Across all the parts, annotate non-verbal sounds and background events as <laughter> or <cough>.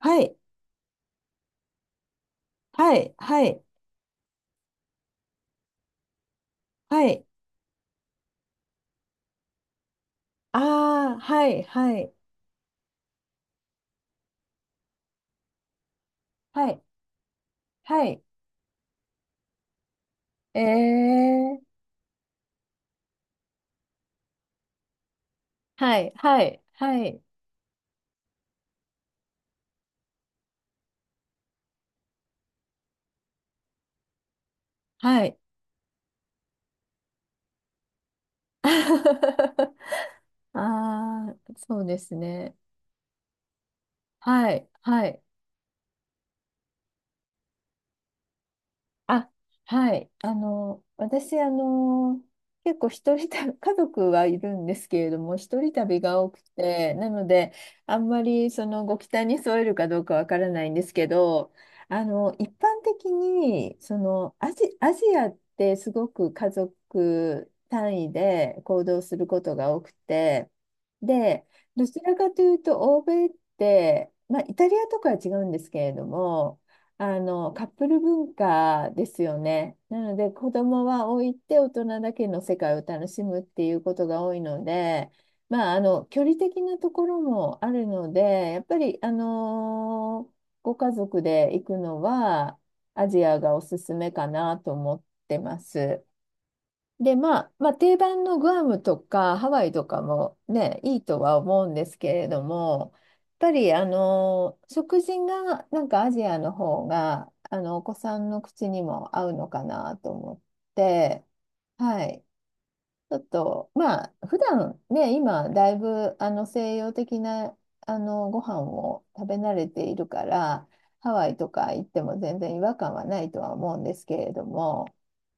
はい、はい、はい、はい。ああ、はい、はい、はい、はい。ええはい、はい、はい、はい。<laughs> ああ、そうですね。はい、はい。あ、はい。私、結構一人旅、<laughs> 家族はいるんですけれども、一人旅が多くて、なので、あんまりそのご期待に添えるかどうかわからないんですけど、一般的に、アジアってすごく家族単位で行動することが多くて、で、どちらかというと、欧米って、まあ、イタリアとかは違うんですけれども、カップル文化ですよね。なので子供は置いて大人だけの世界を楽しむっていうことが多いので、まあ、距離的なところもあるのでやっぱり、ご家族で行くのはアジアがおすすめかなと思ってます。で、まあ、定番のグアムとかハワイとかもね、いいとは思うんですけれども、やっぱり、食事がなんかアジアの方が、お子さんの口にも合うのかなと思って、はい。ちょっと、まあ、普段ね、今、だいぶ、西洋的な、ご飯を食べ慣れているから、ハワイとか行っても全然違和感はないとは思うんですけれども、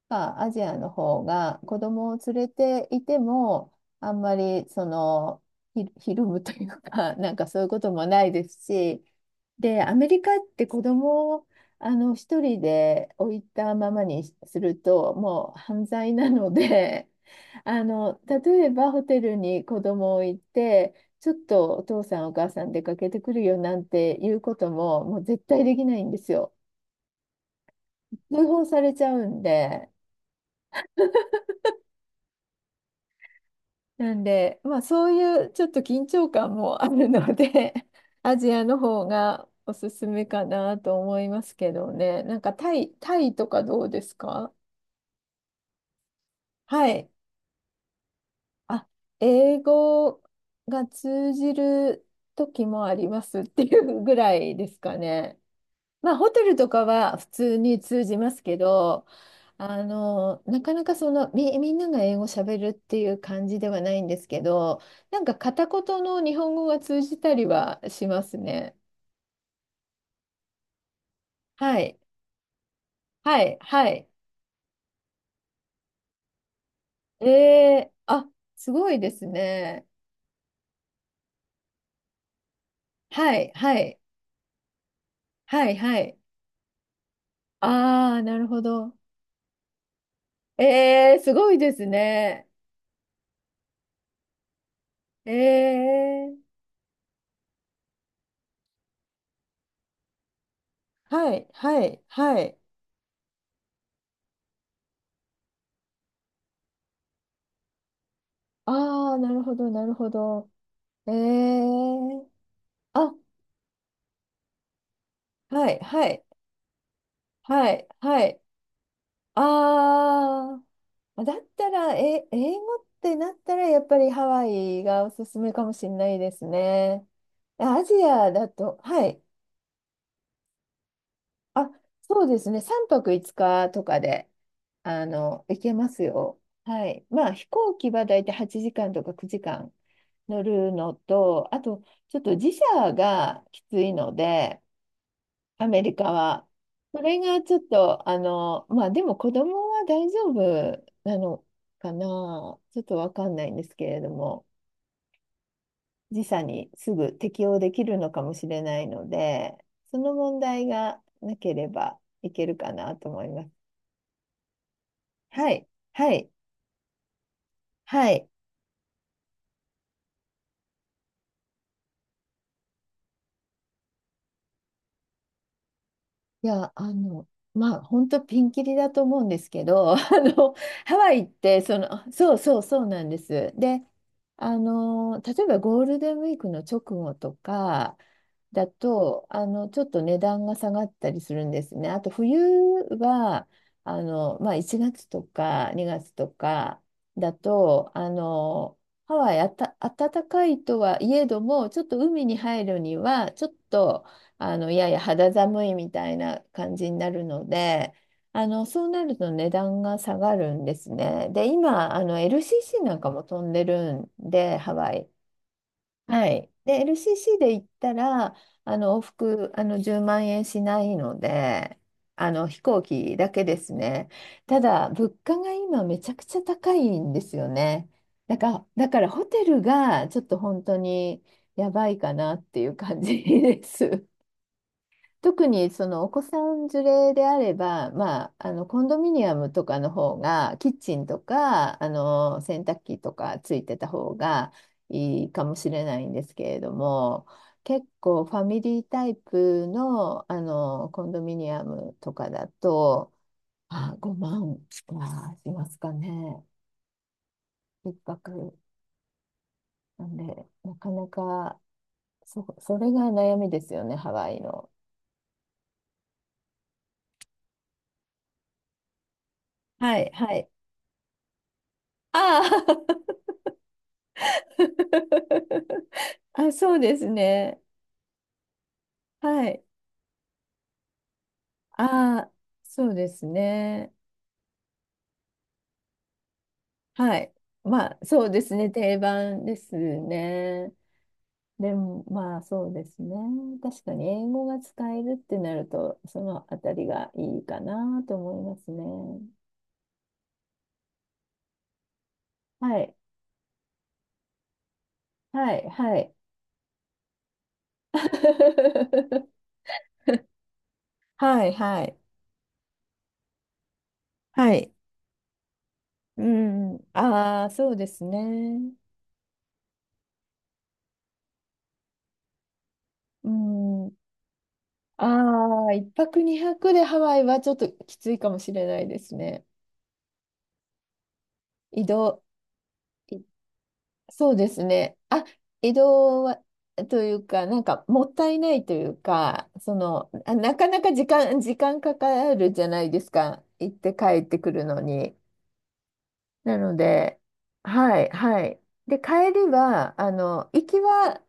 アジアの方が子供を連れていても、あんまりそのひるむというか <laughs> なんかそういうこともないですし、でアメリカって子供を一人で置いたままにするともう犯罪なので <laughs> 例えばホテルに子供を置いて、ちょっとお父さんお母さん出かけてくるよなんていうことももう絶対できないんですよ。通報されちゃうんで。なんで、まあそういうちょっと緊張感もあるので <laughs> アジアの方がおすすめかなと思いますけどね。なんかタイとかどうですか？はい。あ、英語が通じる時もありますっていうぐらいですかね。まあ、ホテルとかは普通に通じますけど、なかなかみんなが英語喋るっていう感じではないんですけど、なんか片言の日本語が通じたりはしますね。はい。はい。はい。ええあ、すごいですね。はい。はい。はい。はい。ああ、なるほど。えー、すごいですね。ええはい。はい。はい。ああ、なるほど、なるほど。えー、あ、はい、はい、はい、はい。あー、だったら、英語ってなったら、やっぱりハワイがおすすめかもしれないですね。アジアだと、はい。あ、そうですね。3泊5日とかで、行けますよ。はい。まあ、飛行機はだいたい8時間とか9時間乗るのと、あと、ちょっと時差がきついので、アメリカは。それがちょっと、まあでも子供は大丈夫なのかな、ちょっとわかんないんですけれども、時差にすぐ適応できるのかもしれないので、その問題がなければいけるかなと思います。はい、はい、はい。いや、まあ、本当ピンキリだと思うんですけど、<laughs> の、ハワイって、あそうそうそうなんです。で、例えばゴールデンウィークの直後とかだと、ちょっと値段が下がったりするんですね。あと、冬は、まあ、1月とか2月とかだと、ハワイあた、暖かいとはいえども、ちょっと海に入るには、ちょっと、いやいや肌寒いみたいな感じになるので、そうなると値段が下がるんですね。で、今、LCC なんかも飛んでるんで、ハワイ。はい。で、LCC で行ったら、往復、10万円しないので、飛行機だけですね。ただ、物価が今めちゃくちゃ高いんですよね。だからホテルがちょっと本当にやばいかなっていう感じです。特にそのお子さん連れであれば、まあ、コンドミニアムとかの方がキッチンとか洗濯機とかついてた方がいいかもしれないんですけれども、結構ファミリータイプの、コンドミニアムとかだと5万はしますかね。一泊なんで、なかなかそれが悩みですよね、ハワイの。はい、はい。ああ <laughs> あ、そうですね。はい。ああ、そうですね。はい。まあ、そうですね。定番ですね。でも、まあ、そうですね。確かに、英語が使えるってなると、そのあたりがいいかなと思いますね。はい。はい。はい。<laughs> はい。はい。はい。うん。ああ、そうですね。うん。ああ、1泊2泊でハワイはちょっときついかもしれないですね。移動、いそうですね。あ、移動は、というか、なんかもったいないというか、なかなか時間かかるじゃないですか。行って帰ってくるのに。なので、はい、はい。で、帰りは、あの、行きは、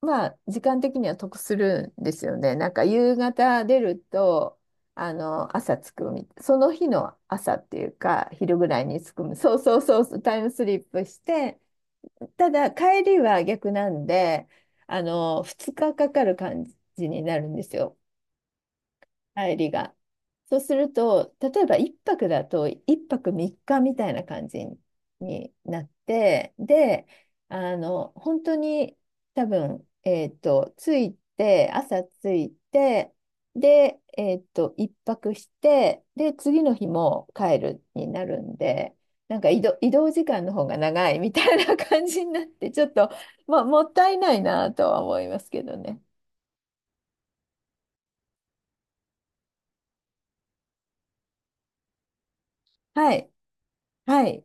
まあ、時間的には得するんですよね。なんか、夕方出ると、朝着くみたい、その日の朝っていうか、昼ぐらいに着く。そうそうそうそう、タイムスリップして、ただ、帰りは逆なんで、2日かかかる感じになるんですよ。帰りが。そうすると、例えば1泊だと1泊3日みっかみたいな感じになって、で、本当に多分、えっと、着いて、朝着いて、で、一泊して、で、次の日も帰るになるんで、なんか移動時間の方が長い <laughs> みたいな感じになって、ちょっと、まあ、もったいないなとは思いますけどね。はい。はい。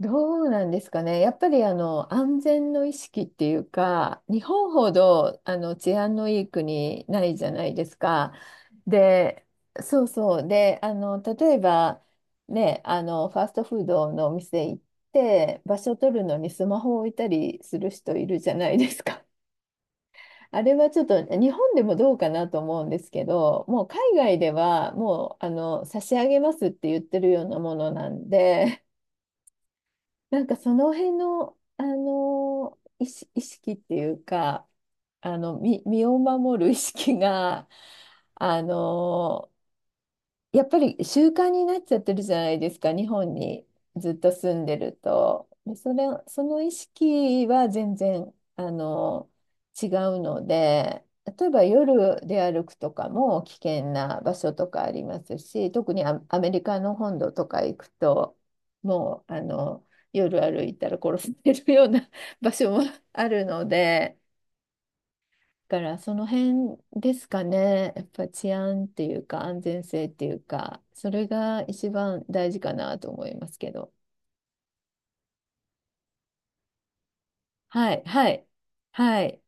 どうなんですかね。やっぱり安全の意識っていうか、日本ほど治安のいい国ないじゃないですか。で、そうそう。で、例えばね、ファーストフードのお店行って場所取るのにスマホを置いたりする人いるじゃないですか。<laughs> あれはちょっと日本でもどうかなと思うんですけど、もう海外ではもう差し上げますって言ってるようなものなんで。なんかその辺の、意識っていうか、身を守る意識が、あのやっぱり習慣になっちゃってるじゃないですか、日本にずっと住んでると。でその意識は全然違うので、例えば夜で歩くとかも危険な場所とかありますし、特にアメリカの本土とか行くと、もう夜歩いたら殺されるような <laughs> 場所もあるので。からその辺ですかね。やっぱ治安っていうか安全性っていうか、それが一番大事かなと思いますけど。はい、はい、はい。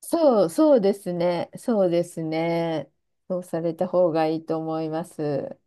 そうですね。そうですね。そうされた方がいいと思います。